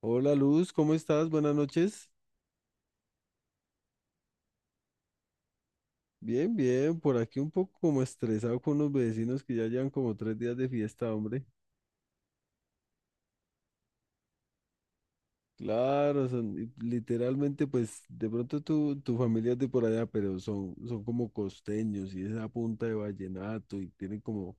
Hola Luz, ¿cómo estás? Buenas noches. Bien, bien, por aquí un poco como estresado con los vecinos que ya llevan como 3 días de fiesta, hombre. Claro, son y literalmente, pues de pronto tu familia es de por allá, pero son como costeños y esa punta de vallenato y tienen como,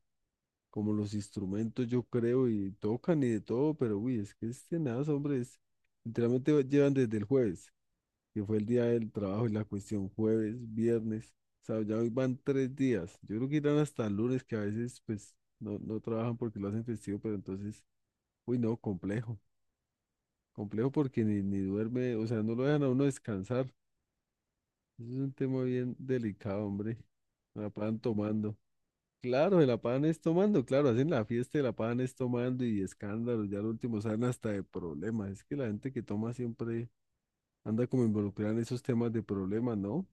como los instrumentos, yo creo, y tocan y de todo, pero uy, es que es tenaz, hombre, literalmente llevan desde el jueves, que fue el día del trabajo y la cuestión jueves, viernes, sábado, ya hoy van 3 días. Yo creo que irán hasta el lunes, que a veces pues no, no trabajan porque lo hacen festivo, pero entonces, uy, no, complejo, complejo porque ni duerme, o sea, no lo dejan a uno descansar. Eso es un tema bien delicado, hombre. Se la pagan tomando. Claro, se la pagan es tomando, claro, hacen la fiesta y la pagan es tomando y escándalos, ya lo último salen hasta de problemas. Es que la gente que toma siempre anda como involucrada en esos temas de problemas, ¿no?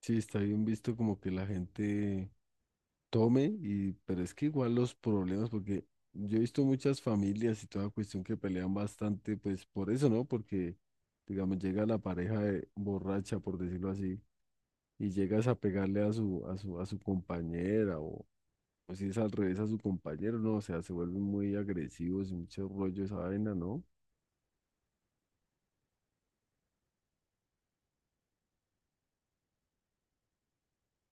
Sí, está bien visto como que la gente tome y, pero es que igual los problemas, porque yo he visto muchas familias y toda cuestión que pelean bastante, pues por eso, ¿no? Porque, digamos, llega la pareja borracha, por decirlo así, y llegas a pegarle a su compañera, o si es al revés a su compañero, ¿no? O sea, se vuelven muy agresivos y mucho rollo esa vaina, ¿no?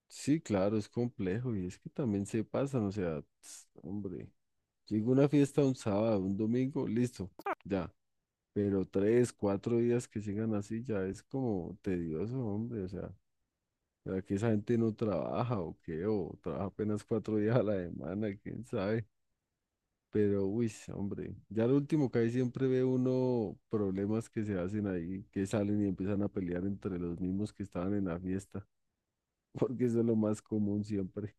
Sí, claro, es complejo y es que también se pasan, o sea, hombre. Llega una fiesta un sábado, un domingo, listo, ya. Pero 3, 4 días que sigan así ya es como tedioso, hombre. O sea, ¿será que esa gente no trabaja o qué? O trabaja apenas 4 días a la semana, quién sabe. Pero, uy, sí, hombre, ya lo último que hay siempre ve uno problemas que se hacen ahí, que salen y empiezan a pelear entre los mismos que estaban en la fiesta, porque eso es lo más común siempre.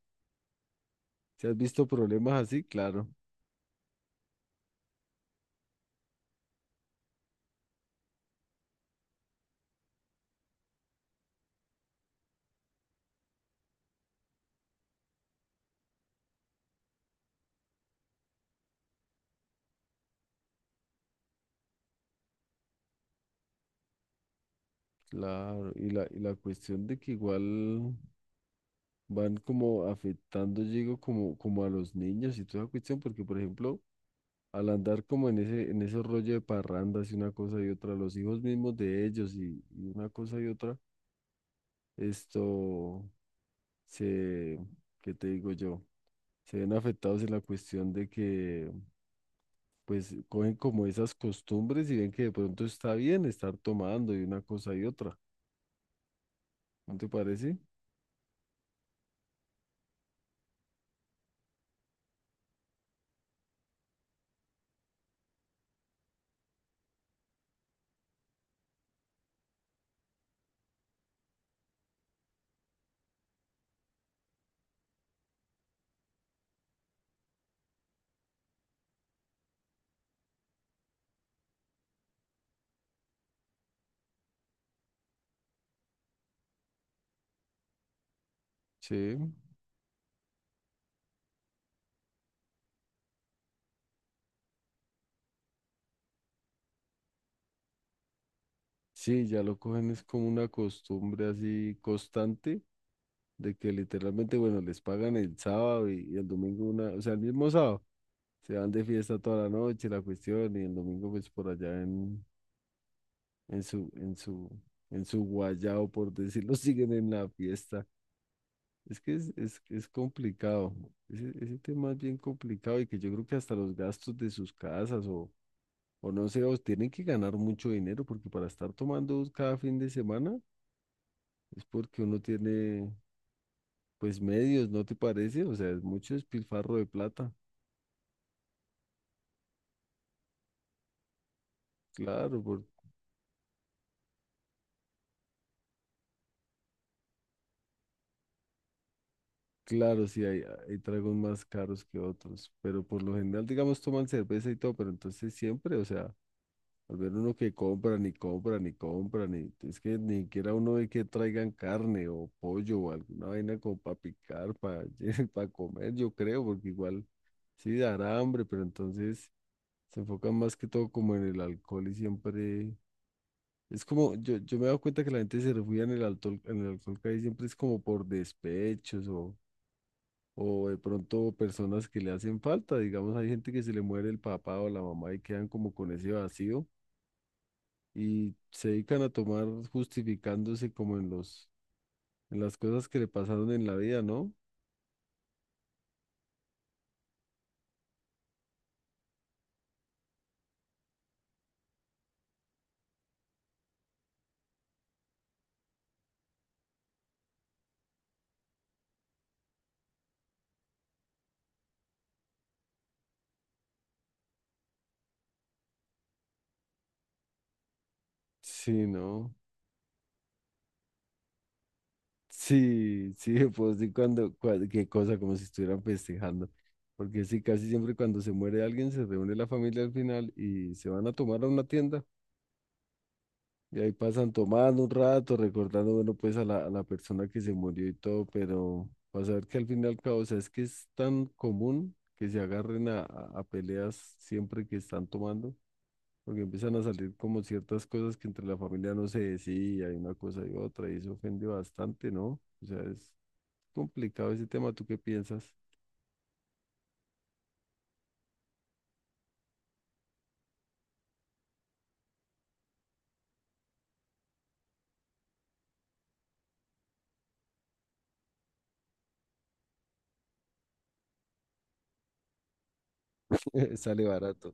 ¿Si has visto problemas así? Claro, claro. Y la cuestión de que igual van como afectando, yo digo, como a los niños y toda esa cuestión, porque por ejemplo, al andar como en ese rollo de parrandas y una cosa y otra, los hijos mismos de ellos y una cosa y otra, esto se, ¿qué te digo yo? Se ven afectados en la cuestión de que pues cogen como esas costumbres y ven que de pronto está bien estar tomando y una cosa y otra. ¿No te parece? Sí, sí, ya lo cogen es como una costumbre así constante de que literalmente, bueno, les pagan el sábado y el domingo una, o sea, el mismo sábado, se van de fiesta toda la noche, la cuestión, y el domingo pues por allá en su, en su, en su guayao, por decirlo, siguen en la fiesta. Es que es complicado, ese tema es bien complicado y que yo creo que hasta los gastos de sus casas o no sé, o tienen que ganar mucho dinero porque para estar tomando cada fin de semana es porque uno tiene, pues medios, ¿no te parece? O sea, es mucho despilfarro de plata. Claro, claro, sí, hay tragos más caros que otros, pero por lo general, digamos, toman cerveza y todo, pero entonces siempre, o sea, al ver uno que compra, ni compra, ni compra, ni, es que ni siquiera uno ve que traigan carne o pollo o alguna vaina como para picar, para, para comer, yo creo, porque igual sí dará hambre, pero entonces se enfocan más que todo como en el alcohol y siempre. Es como, yo me he dado cuenta que la gente se refugia en el alcohol casi siempre es como por despechos o de pronto personas que le hacen falta, digamos, hay gente que se le muere el papá o la mamá y quedan como con ese vacío y se dedican a tomar justificándose como en los, en las cosas que le pasaron en la vida, ¿no? Sí, ¿no? Sí, sí, pues sí, qué cosa, como si estuvieran festejando. Porque sí, casi siempre cuando se muere alguien se reúne la familia al final y se van a tomar a una tienda y ahí pasan tomando un rato, recordando, bueno, pues a la persona que se murió y todo, pero vas a ver que al fin y al cabo, o sea, es que es tan común que se agarren a peleas siempre que están tomando, porque empiezan a salir como ciertas cosas que entre la familia no se decía, y una cosa y otra, y eso ofende bastante, ¿no? O sea, es complicado ese tema, ¿tú qué piensas? Sale barato.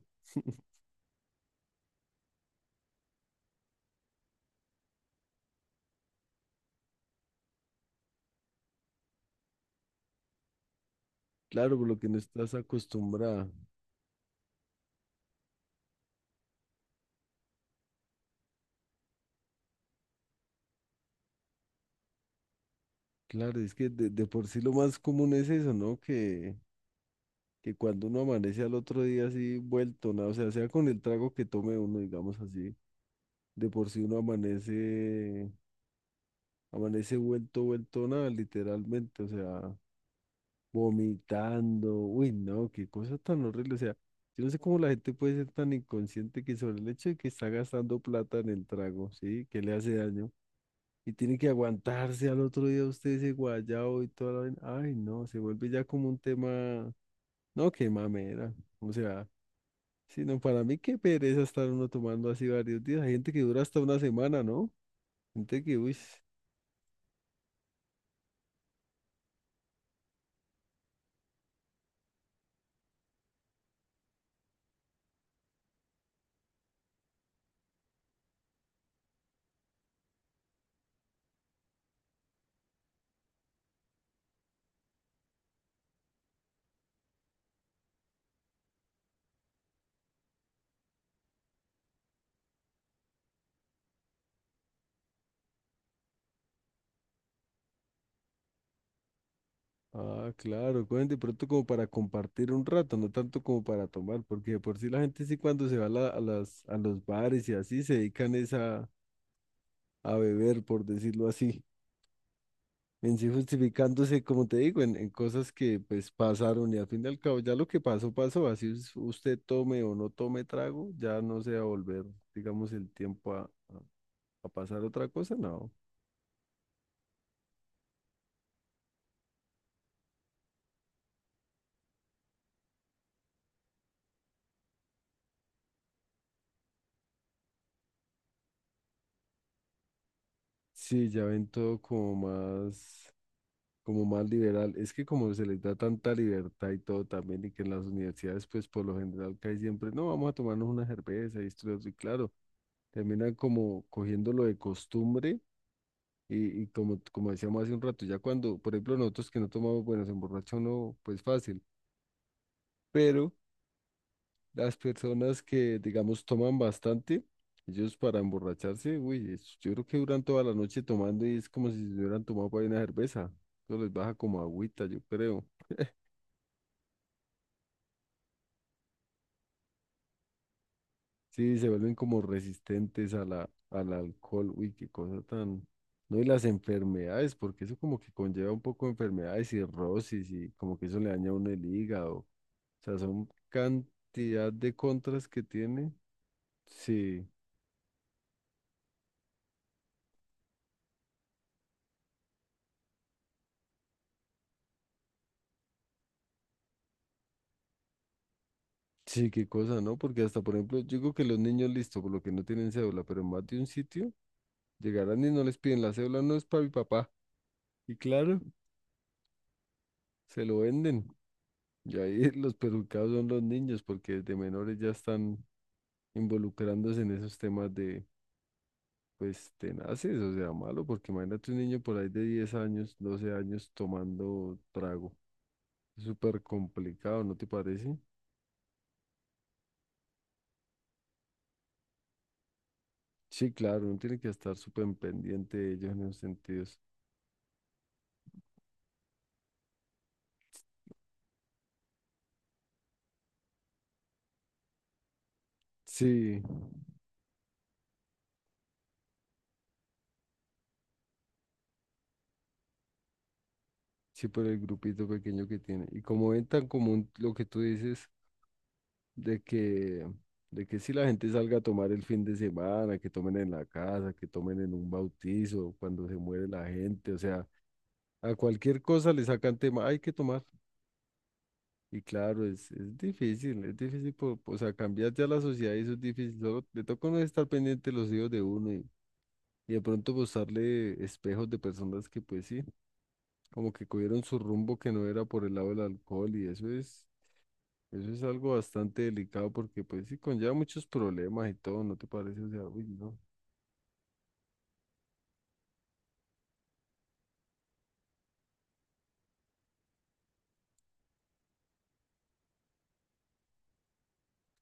Claro, por lo que no estás acostumbrada. Claro, es que de por sí lo más común es eso, ¿no? Que cuando uno amanece al otro día así vuelto, nada, o sea, sea con el trago que tome uno, digamos así, de por sí uno amanece, amanece vuelto, vuelto nada, literalmente, o sea, vomitando, uy, no, qué cosa tan horrible, o sea, yo no sé cómo la gente puede ser tan inconsciente que sobre el hecho de que está gastando plata en el trago, ¿sí? Que le hace daño. Y tiene que aguantarse al otro día usted ese guayao y toda la vaina. Ay, no, se vuelve ya como un tema. No, qué mamera. O sea, sino para mí qué pereza estar uno tomando así varios días. Hay gente que dura hasta una semana, ¿no? Gente que, uy, ah, claro, cogen de pronto como para compartir un rato, no tanto como para tomar, porque de por sí la gente sí cuando se va a, a las, a los bares y así se dedican es a beber, por decirlo así, en sí justificándose, como te digo, en cosas que pues pasaron y al fin y al cabo ya lo que pasó, pasó, así usted tome o no tome trago, ya no se va a volver, digamos, el tiempo a a pasar otra cosa, no. Sí, ya ven todo como más liberal. Es que como se les da tanta libertad y todo también, y que en las universidades, pues por lo general cae siempre, no, vamos a tomarnos una cerveza y esto y lo otro", y claro, terminan como cogiendo lo de costumbre y como, como decíamos hace un rato, ya cuando, por ejemplo, nosotros que no tomamos, bueno, se emborracha uno, pues fácil, pero las personas que, digamos, toman bastante, ellos para emborracharse, uy, yo creo que duran toda la noche tomando y es como si se hubieran tomado para una cerveza. Eso les baja como agüita, yo creo. Sí, se vuelven como resistentes a la, al alcohol. Uy, qué cosa tan. No, y las enfermedades, porque eso como que conlleva un poco de enfermedades, cirrosis y como que eso le daña a uno el hígado. O sea, son cantidad de contras que tiene. Sí. Sí, qué cosa, ¿no? Porque hasta, por ejemplo, yo digo que los niños, listo, por lo que no tienen cédula, pero en más de un sitio, llegarán y no les piden la cédula, no es para mi papá. Y claro, se lo venden. Y ahí los perjudicados son los niños, porque desde menores ya están involucrándose en esos temas de, pues, tenaces, o sea, malo, porque imagínate un niño por ahí de 10 años, 12 años tomando trago. Es súper complicado, ¿no te parece? Sí, claro, uno tiene que estar súper pendiente de ellos en esos sentidos. Sí. Sí, por el grupito pequeño que tiene. Y como ven tan común lo que tú dices de que, de que si la gente salga a tomar el fin de semana, que tomen en la casa, que tomen en un bautizo, cuando se muere la gente, o sea, a cualquier cosa le sacan tema, hay que tomar. Y claro, es difícil, es difícil, por, o sea, cambiar ya la sociedad y eso es difícil. Solo le toca a uno estar pendiente de los hijos de uno y de pronto postarle espejos de personas que pues sí, como que cogieron su rumbo que no era por el lado del alcohol Eso es algo bastante delicado porque pues sí conlleva muchos problemas y todo, ¿no te parece? O sea, uy, no.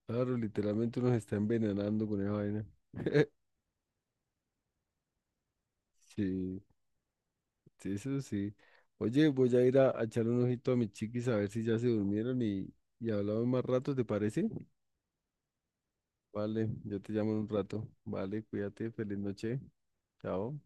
Claro, literalmente uno se está envenenando con esa vaina. Sí, sí, eso sí. Oye, voy a ir a echarle un ojito a mis chiquis a ver si ya se durmieron y hablamos más rato, ¿te parece? Vale, yo te llamo en un rato. Vale, cuídate, feliz noche. Chao.